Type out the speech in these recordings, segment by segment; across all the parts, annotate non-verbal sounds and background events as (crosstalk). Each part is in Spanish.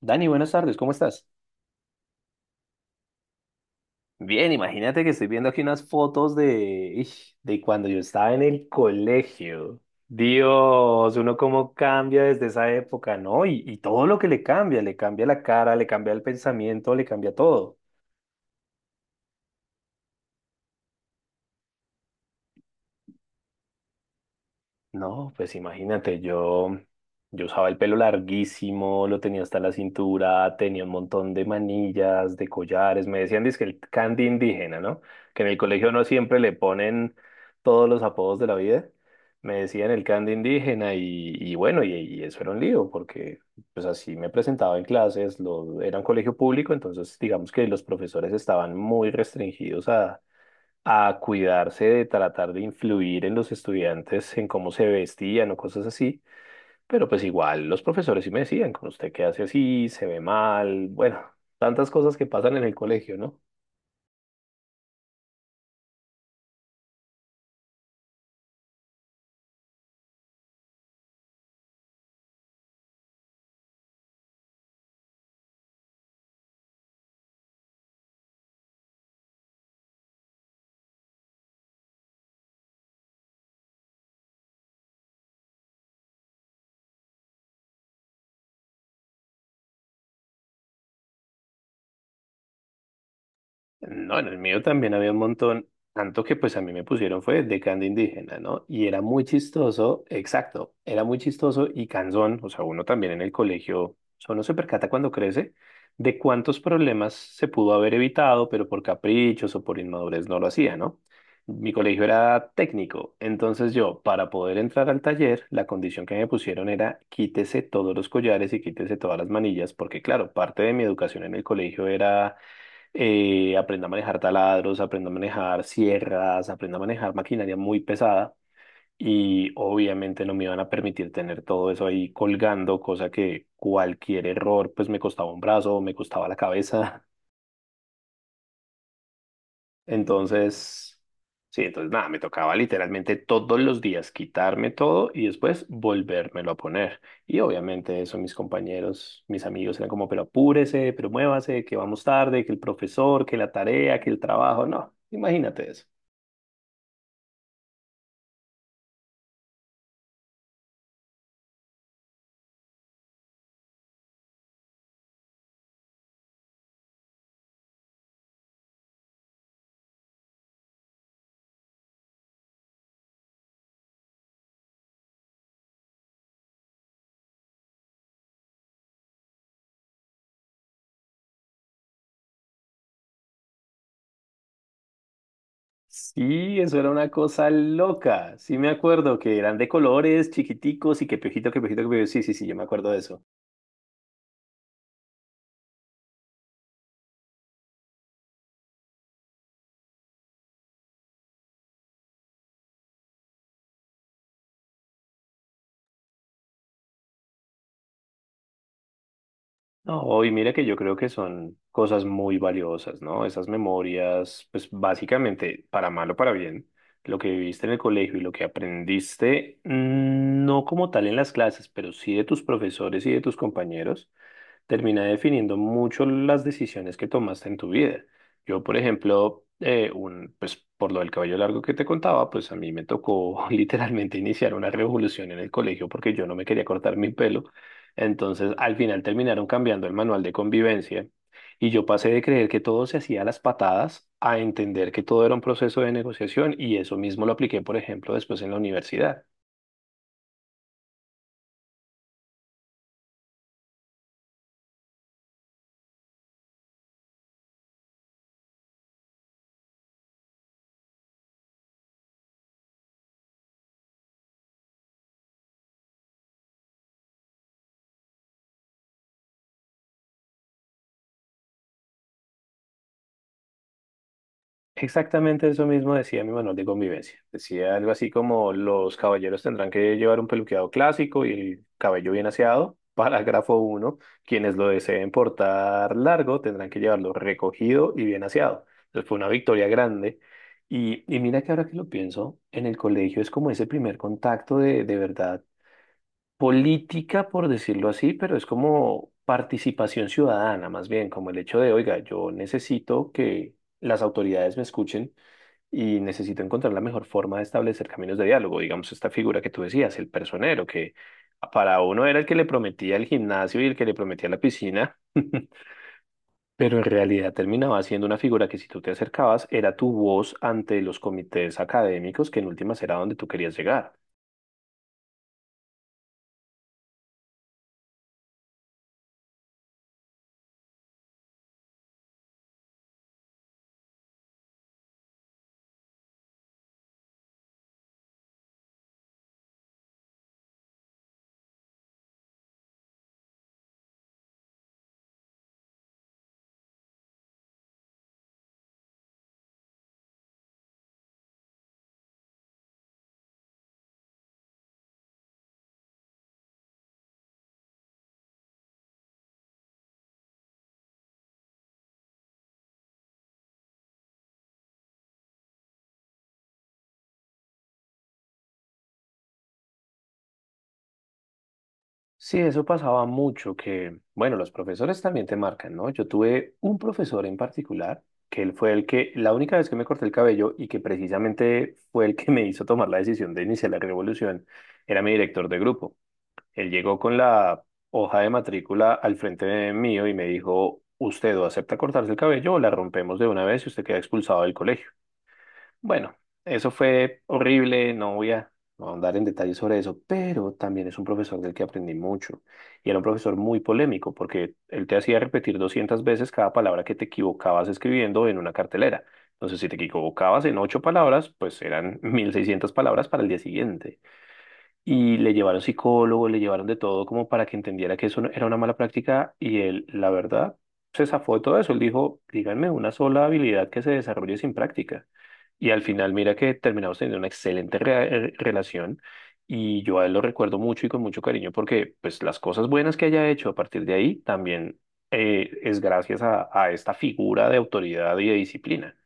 Dani, buenas tardes, ¿cómo estás? Bien, imagínate que estoy viendo aquí unas fotos de, ish, de cuando yo estaba en el colegio. Dios, uno cómo cambia desde esa época, ¿no? Y todo lo que le cambia la cara, le cambia el pensamiento, le cambia todo. No, pues imagínate, yo usaba el pelo larguísimo, lo tenía hasta la cintura, tenía un montón de manillas, de collares, me decían que el candy indígena, ¿no? Que en el colegio no siempre le ponen todos los apodos de la vida, me decían el candy indígena y bueno, y eso era un lío, porque pues así me presentaba en clases, lo, era un colegio público, entonces digamos que los profesores estaban muy restringidos a cuidarse de tratar de influir en los estudiantes en cómo se vestían o cosas así, pero pues igual los profesores sí me decían, con usted qué hace así, se ve mal, bueno, tantas cosas que pasan en el colegio, ¿no? No, en el mío también había un montón, tanto que pues a mí me pusieron fue de canto indígena, ¿no? Y era muy chistoso, exacto, era muy chistoso y cansón, o sea, uno también en el colegio, o uno se percata cuando crece de cuántos problemas se pudo haber evitado, pero por caprichos o por inmadurez no lo hacía, ¿no? Mi colegio era técnico, entonces yo, para poder entrar al taller, la condición que me pusieron era quítese todos los collares y quítese todas las manillas, porque claro, parte de mi educación en el colegio era aprenda a manejar taladros, aprenda a manejar sierras, aprenda a manejar maquinaria muy pesada y obviamente no me iban a permitir tener todo eso ahí colgando, cosa que cualquier error pues me costaba un brazo, me costaba la cabeza. Entonces, sí, entonces nada, me tocaba literalmente todos los días quitarme todo y después volvérmelo a poner. Y obviamente eso mis compañeros, mis amigos eran como, pero apúrese, pero muévase, que vamos tarde, que el profesor, que la tarea, que el trabajo. No, imagínate eso. Sí, eso era una cosa loca. Sí me acuerdo que eran de colores chiquiticos y que piojito, que piojito, que piojito. Sí, sí, sí, yo me acuerdo de eso. No, y mira que yo creo que son cosas muy valiosas, ¿no? Esas memorias, pues básicamente, para mal o para bien, lo que viviste en el colegio y lo que aprendiste, no como tal en las clases, pero sí de tus profesores y de tus compañeros, termina definiendo mucho las decisiones que tomaste en tu vida. Yo, por ejemplo, pues por lo del cabello largo que te contaba, pues a mí me tocó (laughs) literalmente iniciar una revolución en el colegio porque yo no me quería cortar mi pelo. Entonces, al final terminaron cambiando el manual de convivencia y yo pasé de creer que todo se hacía a las patadas a entender que todo era un proceso de negociación y eso mismo lo apliqué, por ejemplo, después en la universidad. Exactamente eso mismo decía mi manual de convivencia. Decía algo así como los caballeros tendrán que llevar un peluqueado clásico y el cabello bien aseado. (laughs) Parágrafo uno: quienes lo deseen portar largo tendrán que llevarlo recogido y bien aseado. Entonces fue una victoria grande. Y mira que ahora que lo pienso, en el colegio es como ese primer contacto de verdad política, por decirlo así, pero es como participación ciudadana, más bien, como el hecho de, oiga, yo necesito que las autoridades me escuchen y necesito encontrar la mejor forma de establecer caminos de diálogo. Digamos, esta figura que tú decías, el personero, que para uno era el que le prometía el gimnasio y el que le prometía la piscina, (laughs) pero en realidad terminaba siendo una figura que si tú te acercabas era tu voz ante los comités académicos, que en últimas era donde tú querías llegar. Sí, eso pasaba mucho, que, bueno, los profesores también te marcan, ¿no? Yo tuve un profesor en particular, que él fue el que, la única vez que me corté el cabello y que precisamente fue el que me hizo tomar la decisión de iniciar la revolución, era mi director de grupo. Él llegó con la hoja de matrícula al frente de mío y me dijo, usted o acepta cortarse el cabello o la rompemos de una vez y usted queda expulsado del colegio. Bueno, eso fue horrible, no voy a no ahondar en detalles sobre eso, pero también es un profesor del que aprendí mucho. Y era un profesor muy polémico porque él te hacía repetir 200 veces cada palabra que te equivocabas escribiendo en una cartelera. Entonces, si te equivocabas en ocho palabras, pues eran (laughs) 1.600 palabras para el día siguiente. Y le llevaron psicólogo, le llevaron de todo como para que entendiera que eso era una mala práctica y él, la verdad, se zafó de todo eso. Él dijo, díganme una sola habilidad que se desarrolle sin práctica. Y al final, mira que terminamos teniendo una excelente relación y yo a él lo recuerdo mucho y con mucho cariño porque pues las cosas buenas que haya hecho a partir de ahí también es gracias a esta figura de autoridad y de disciplina.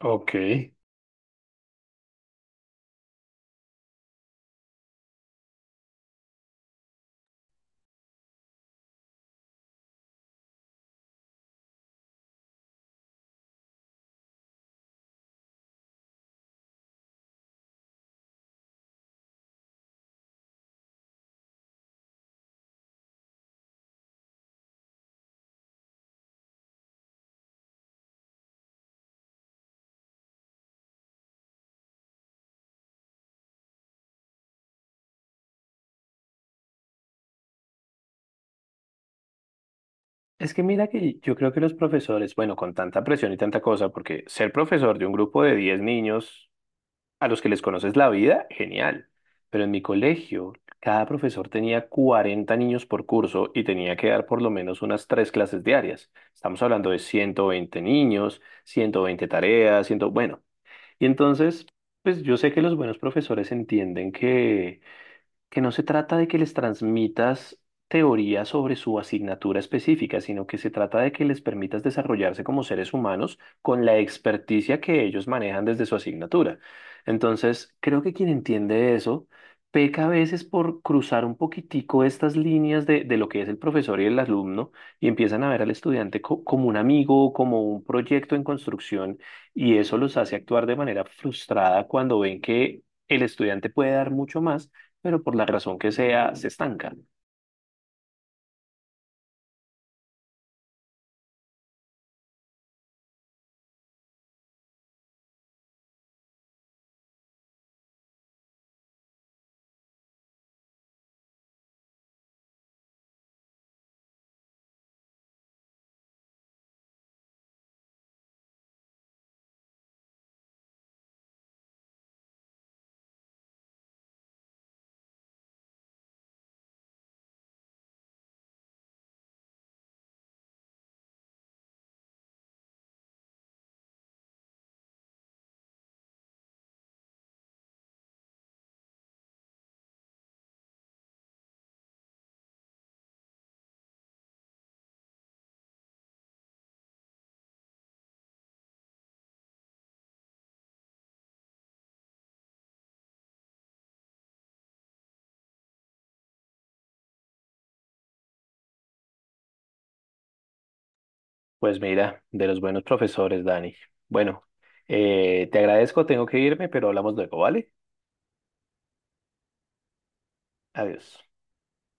Ok. Es que mira que yo creo que los profesores, bueno, con tanta presión y tanta cosa, porque ser profesor de un grupo de 10 niños a los que les conoces la vida, genial. Pero en mi colegio, cada profesor tenía 40 niños por curso y tenía que dar por lo menos unas tres clases diarias. Estamos hablando de 120 niños, 120 tareas, 100, bueno. Entonces, pues yo sé que los buenos profesores entienden que no se trata de que les transmitas teoría sobre su asignatura específica, sino que se trata de que les permitas desarrollarse como seres humanos con la experticia que ellos manejan desde su asignatura. Entonces, creo que quien entiende eso peca a veces por cruzar un poquitico estas líneas de lo que es el profesor y el alumno y empiezan a ver al estudiante como un amigo, como un proyecto en construcción y eso los hace actuar de manera frustrada cuando ven que el estudiante puede dar mucho más pero por la razón que sea, se estanca. Pues mira, de los buenos profesores, Dani. Bueno, te agradezco, tengo que irme, pero hablamos luego, ¿vale? Adiós.